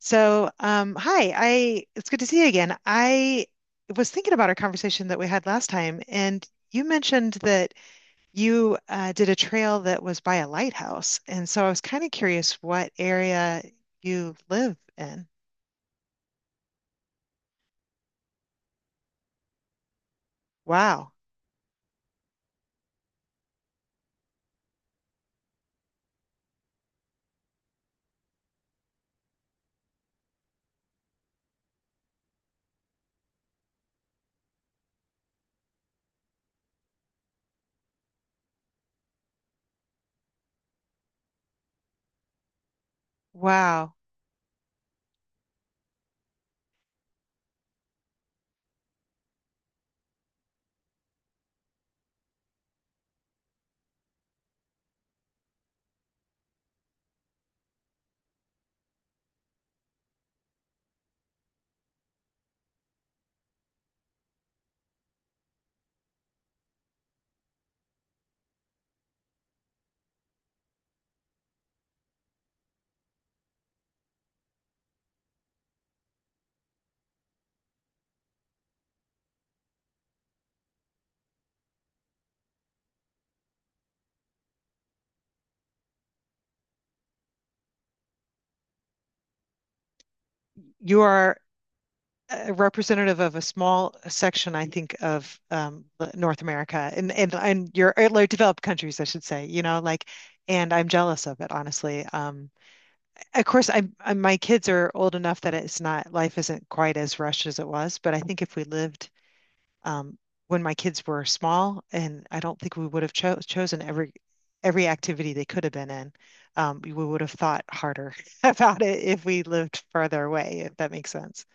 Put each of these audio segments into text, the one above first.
Hi, I it's good to see you again. I was thinking about our conversation that we had last time, and you mentioned that you did a trail that was by a lighthouse, and so I was kind of curious what area you live in. Wow, wow, you are a representative of a small section, I think, of North America and like, developed countries, I should say. You know, like, and I'm jealous of it, honestly. Of course, I my kids are old enough that it's not life isn't quite as rushed as it was. But I think if we lived um, when my kids were small, and I don't think we would have chosen every activity they could have been in. We would have thought harder about it if we lived farther away, if that makes sense.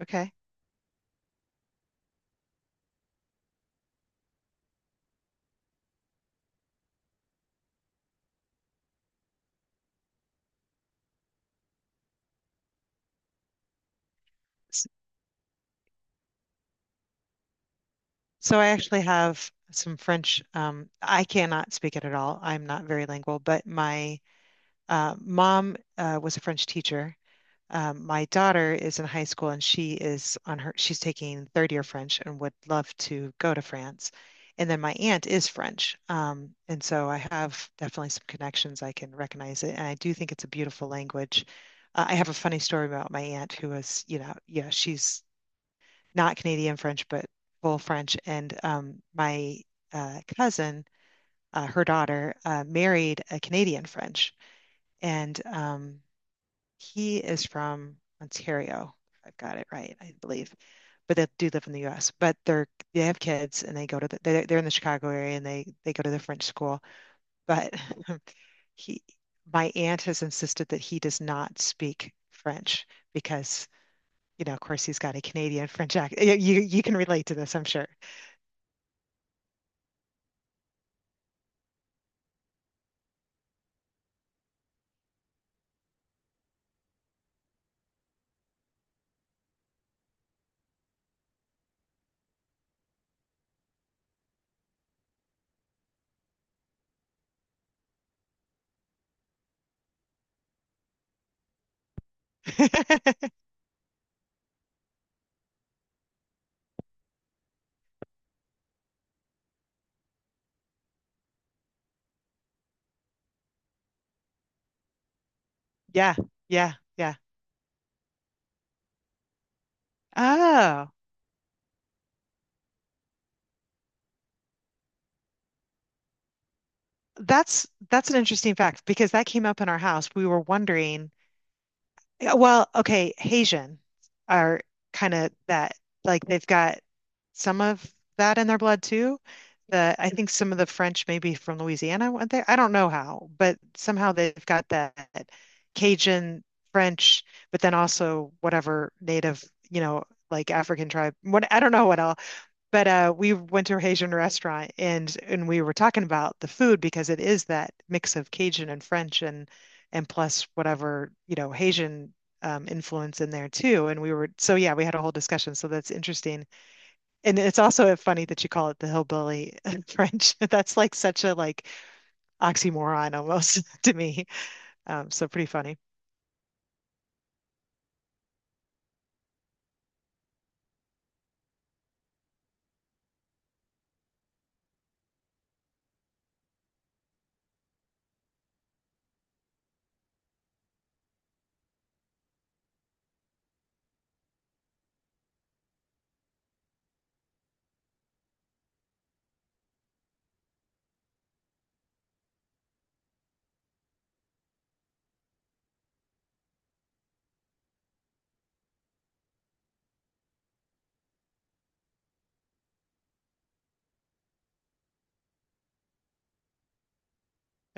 Okay. So I actually have some French. I cannot speak it at all. I'm not very lingual, but my mom was a French teacher. My daughter is in high school and she's taking third year French and would love to go to France. And then my aunt is French. And so I have definitely some connections. I can recognize it. And I do think it's a beautiful language. I have a funny story about my aunt who was, you know, yeah, she's not Canadian French, but full French. And my cousin, her daughter, married a Canadian French, and he is from Ontario. I've got it right, I believe, but they do live in the U.S. But they're They have kids, and they're in the Chicago area, and they go to the French school. But he, my aunt has insisted that he does not speak French because, you know, of course, he's got a Canadian French accent. You can relate to this, I'm sure. Yeah, yeah. Oh, that's an interesting fact because that came up in our house. We were wondering, yeah, well, okay, Haitian are kind of that, like they've got some of that in their blood too. The I think some of the French maybe from Louisiana went there. I don't know how, but somehow they've got that Cajun French, but then also whatever native, you know, like African tribe. What I don't know what else. But we went to a Haitian restaurant and we were talking about the food because it is that mix of Cajun and French and plus whatever, you know, Haitian influence in there too. And we were So yeah, we had a whole discussion. So that's interesting. And it's also funny that you call it the hillbilly French. That's like such a like oxymoron almost to me. So pretty funny.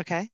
Okay.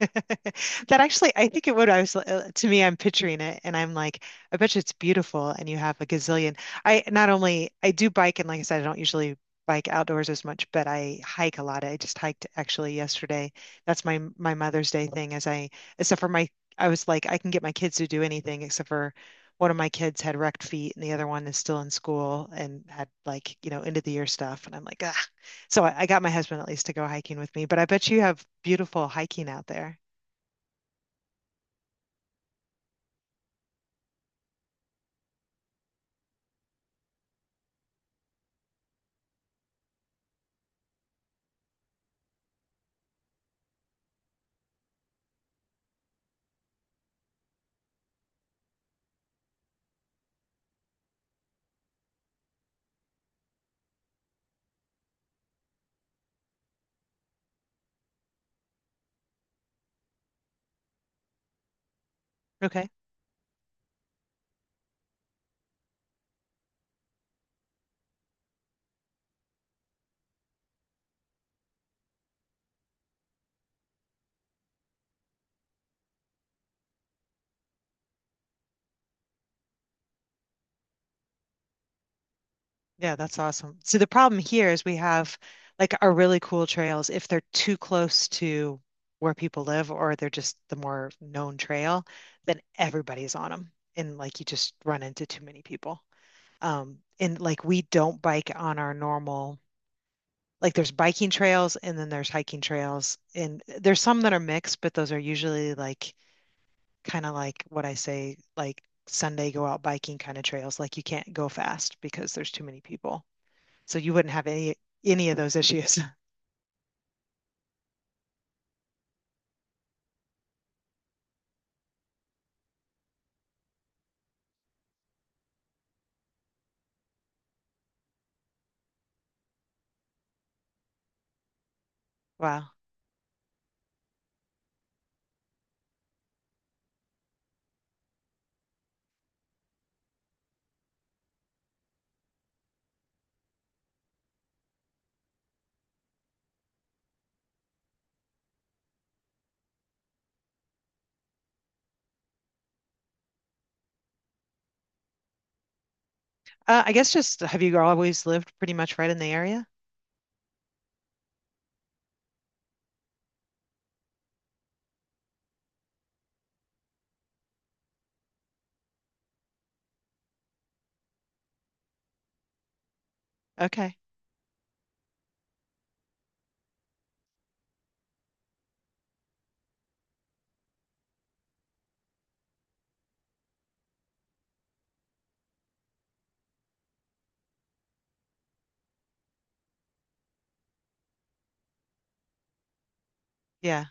That actually, I think it would. I was to me, I'm picturing it, and I'm like, I bet you it's beautiful, and you have a gazillion. I Not only I do bike, and like I said, I don't usually bike outdoors as much, but I hike a lot. I just hiked actually yesterday. That's my Mother's Day thing. As I except for my, I was like, I can get my kids to do anything except for one of my kids had wrecked feet, and the other one is still in school and had like you know end of the year stuff, and I'm like, ah. I got my husband at least to go hiking with me, but I bet you have beautiful hiking out there. Okay. Yeah, that's awesome. So the problem here is we have like our really cool trails, if they're too close to where people live or they're just the more known trail, then everybody's on them. And like you just run into too many people. And like we don't bike on our normal, like there's biking trails and then there's hiking trails. And there's some that are mixed, but those are usually like kind of like what I say, like Sunday go out biking kind of trails. Like you can't go fast because there's too many people. So you wouldn't have any of those issues. Wow. I guess just have you always lived pretty much right in the area? Okay. Yeah.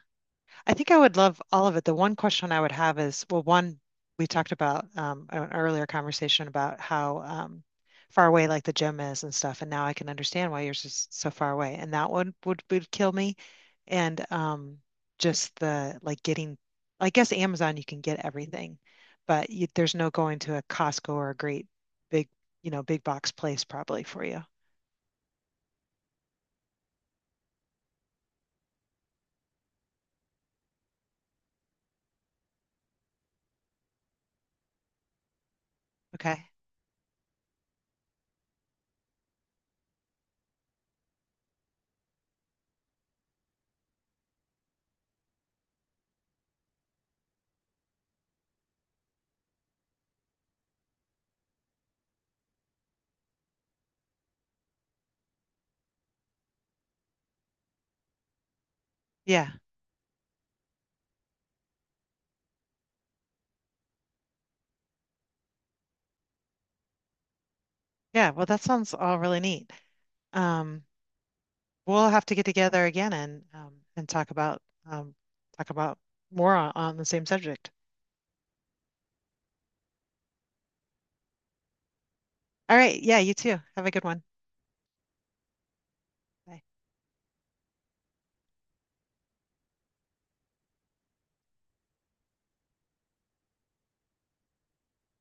I think I would love all of it. The one question I would have is, well, one, we talked about an earlier conversation about how far away like the gym is and stuff, and now I can understand why yours is so far away, and that one would kill me. And just the like getting, I guess Amazon you can get everything, but you, there's no going to a Costco or a great big, you know, big box place probably for you. Okay. Yeah. Yeah. Well, that sounds all really neat. Um, We'll have to get together again and talk about um, talk about more on the same subject. All right, yeah, you too. Have a good one. Bye.